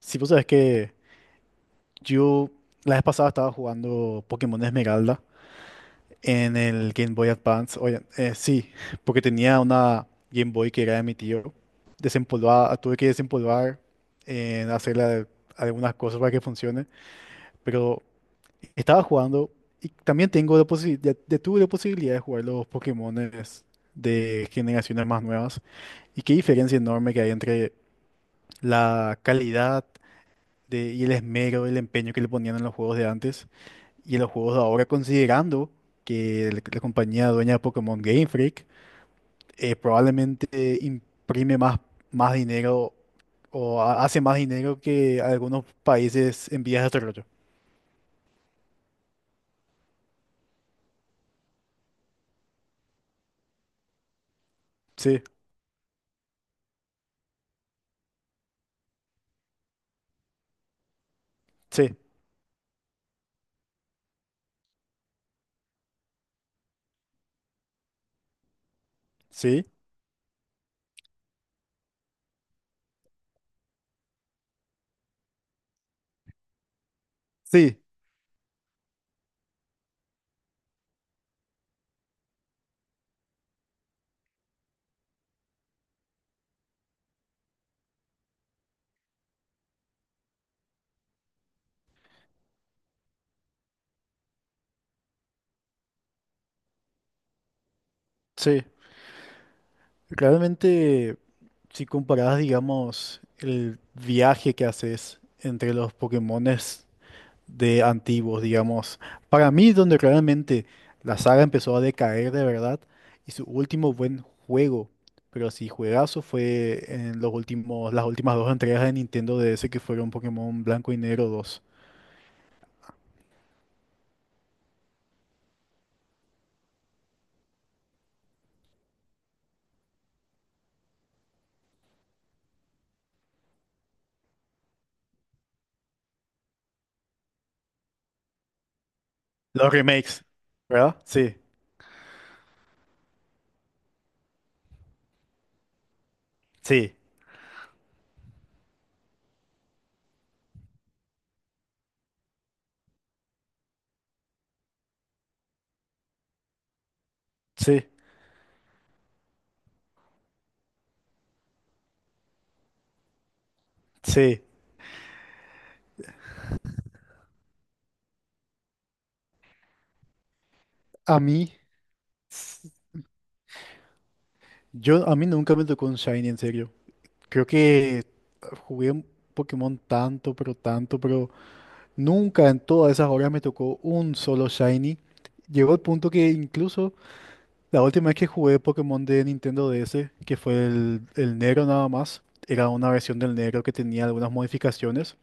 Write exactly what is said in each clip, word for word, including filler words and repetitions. Si vos sabés que yo la vez pasada estaba jugando Pokémon Esmeralda en el Game Boy Advance. Oye, eh, sí, porque tenía una Game Boy que era de mi tío. Desempolvada, tuve que desempolvar, eh, hacerle algunas cosas para que funcione. Pero estaba jugando y también tengo la posibilidad, tuve la posibilidad de jugar los Pokémones de generaciones más nuevas. Y qué diferencia enorme que hay entre la calidad de- y el esmero, el empeño que le ponían en los juegos de antes y en los juegos de ahora, considerando que la, la compañía dueña de Pokémon Game Freak, eh, probablemente eh, imprime más, más dinero o ha- hace más dinero que algunos países en vías de desarrollo. Sí, sí, sí, sí, sí. Realmente, si comparas, digamos, el viaje que haces entre los Pokémones de antiguos, digamos. Para mí, es donde realmente la saga empezó a decaer de verdad y su último buen juego, pero sí juegazo, fue en los últimos, las últimas dos entregas de Nintendo D S que fueron Pokémon Blanco y Negro dos. Los remakes, ¿verdad? Sí, sí, sí, sí. A mí, s- yo, a mí nunca me tocó un Shiny, en serio. Creo que jugué un Pokémon tanto, pero tanto, pero nunca en todas esas horas me tocó un solo Shiny. Llegó el punto que incluso la última vez que jugué Pokémon de Nintendo D S, que fue el, el negro nada más, era una versión del negro que tenía algunas modificaciones,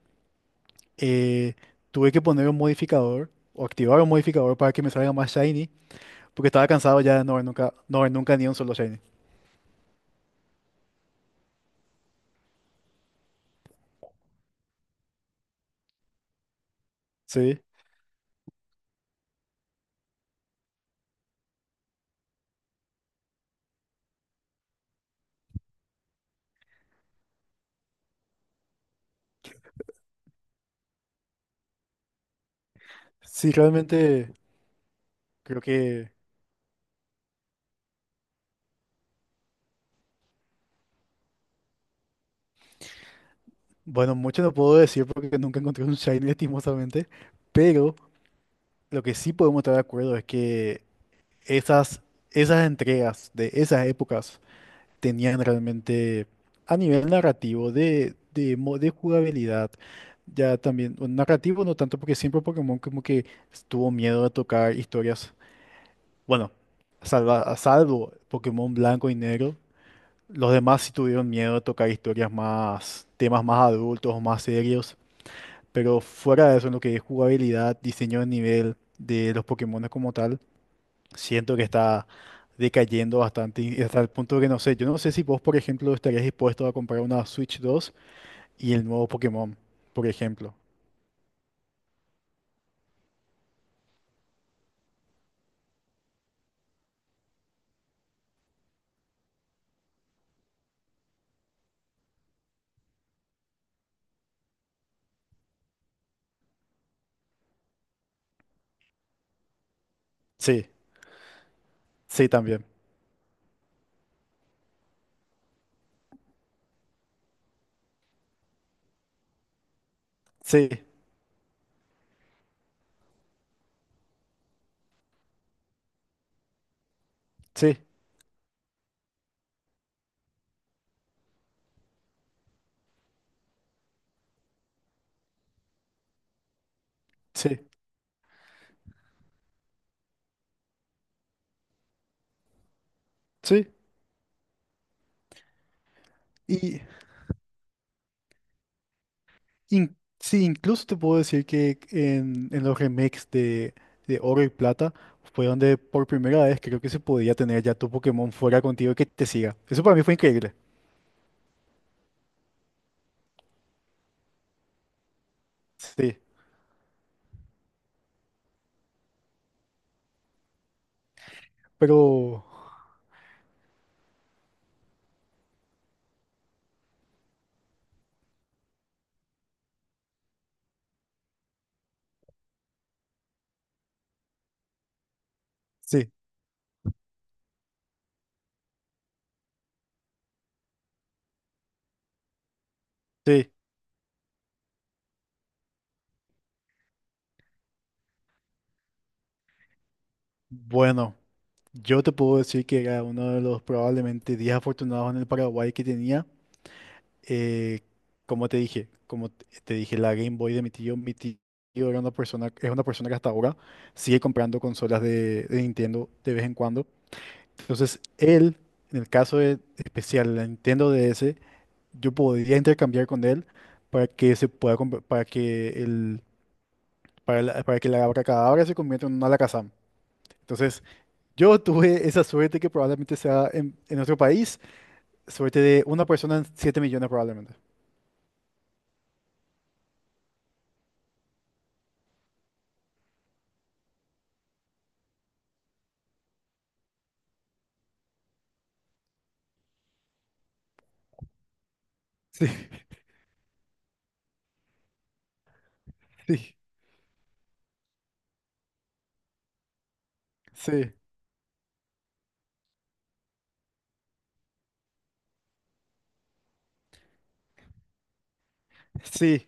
eh, tuve que poner un modificador o activar un modificador para que me salga más Shiny, porque estaba cansado ya de no ver nunca, no ver nunca ni un solo Shiny. Sí, sí, realmente creo que, bueno, mucho no puedo decir porque nunca encontré un Shiny lastimosamente, pero... Lo que sí podemos estar de acuerdo es que esas, esas entregas de esas épocas tenían realmente a nivel narrativo, de, de, mo- de jugabilidad, ya también, bueno, narrativo no tanto porque siempre Pokémon como que tuvo miedo de tocar historias, bueno, salva- a salvo Pokémon blanco y negro, los demás sí tuvieron miedo de tocar historias más, temas más adultos, más serios, pero fuera de eso, en lo que es jugabilidad, diseño de nivel de los Pokémon como tal, siento que está decayendo bastante y hasta el punto que no sé, yo no sé si vos, por ejemplo, estarías dispuesto a comprar una Switch dos y el nuevo Pokémon, por ejemplo. Sí, sí también. Sí, sí, sí, sí. Y in- sí, incluso te puedo decir que en, en los remakes de, de Oro y Plata fue donde por primera vez creo que se podía tener ya tu Pokémon fuera contigo y que te siga. Eso para mí fue increíble. Sí, pero sí, sí. Bueno. Yo te puedo decir que era uno de los probablemente diez afortunados en el Paraguay que tenía. eh, como te dije, como te te dije, la Game Boy de mi tío, mi tío era una persona, es una persona que hasta ahora sigue comprando consolas de, de Nintendo de vez en cuando. Entonces, él, en el caso de- especial, la Nintendo D S, yo podría intercambiar con él para que se pueda, compra- para que el, para, la- para que la Abracadabra se convierta en una Alakazam. Entonces, yo tuve esa suerte que probablemente sea en, en nuestro país, suerte de una persona en siete millones probablemente. Sí, sí, sí, sí,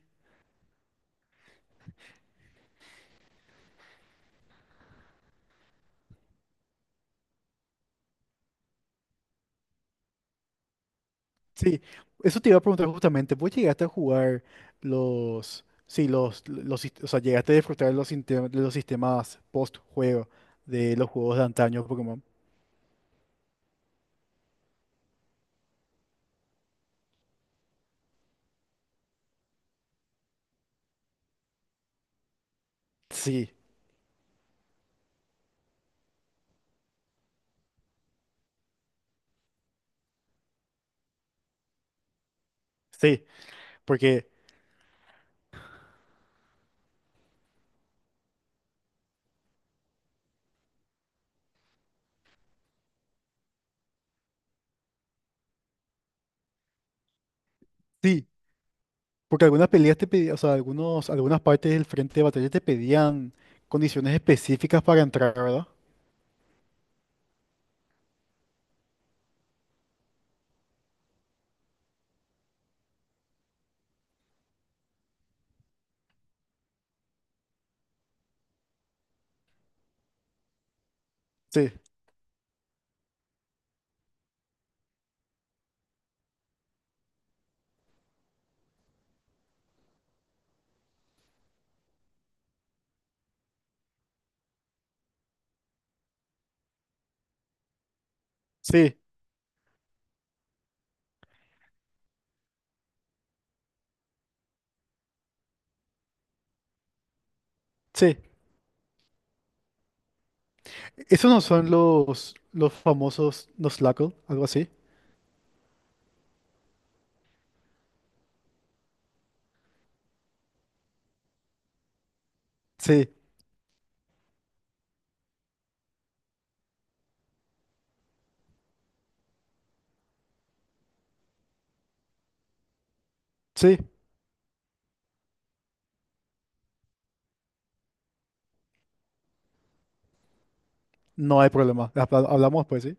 sí. Eso te iba a preguntar justamente. ¿Vos llegaste a jugar los, sí, los, los, sist- o sea, llegaste a disfrutar los, sintem- de los sistemas post-juego de los juegos de antaño Pokémon? Sí, sí, porque, sí, porque algunas peleas te pedían, o sea, algunos, algunas partes del frente de batalla te pedían condiciones específicas para entrar, ¿verdad? Sí, sí. Sí, esos no son los, los famosos Nuzlocke, algo así. Sí, sí, no hay problema. Habla- Hablamos pues, ¿sí?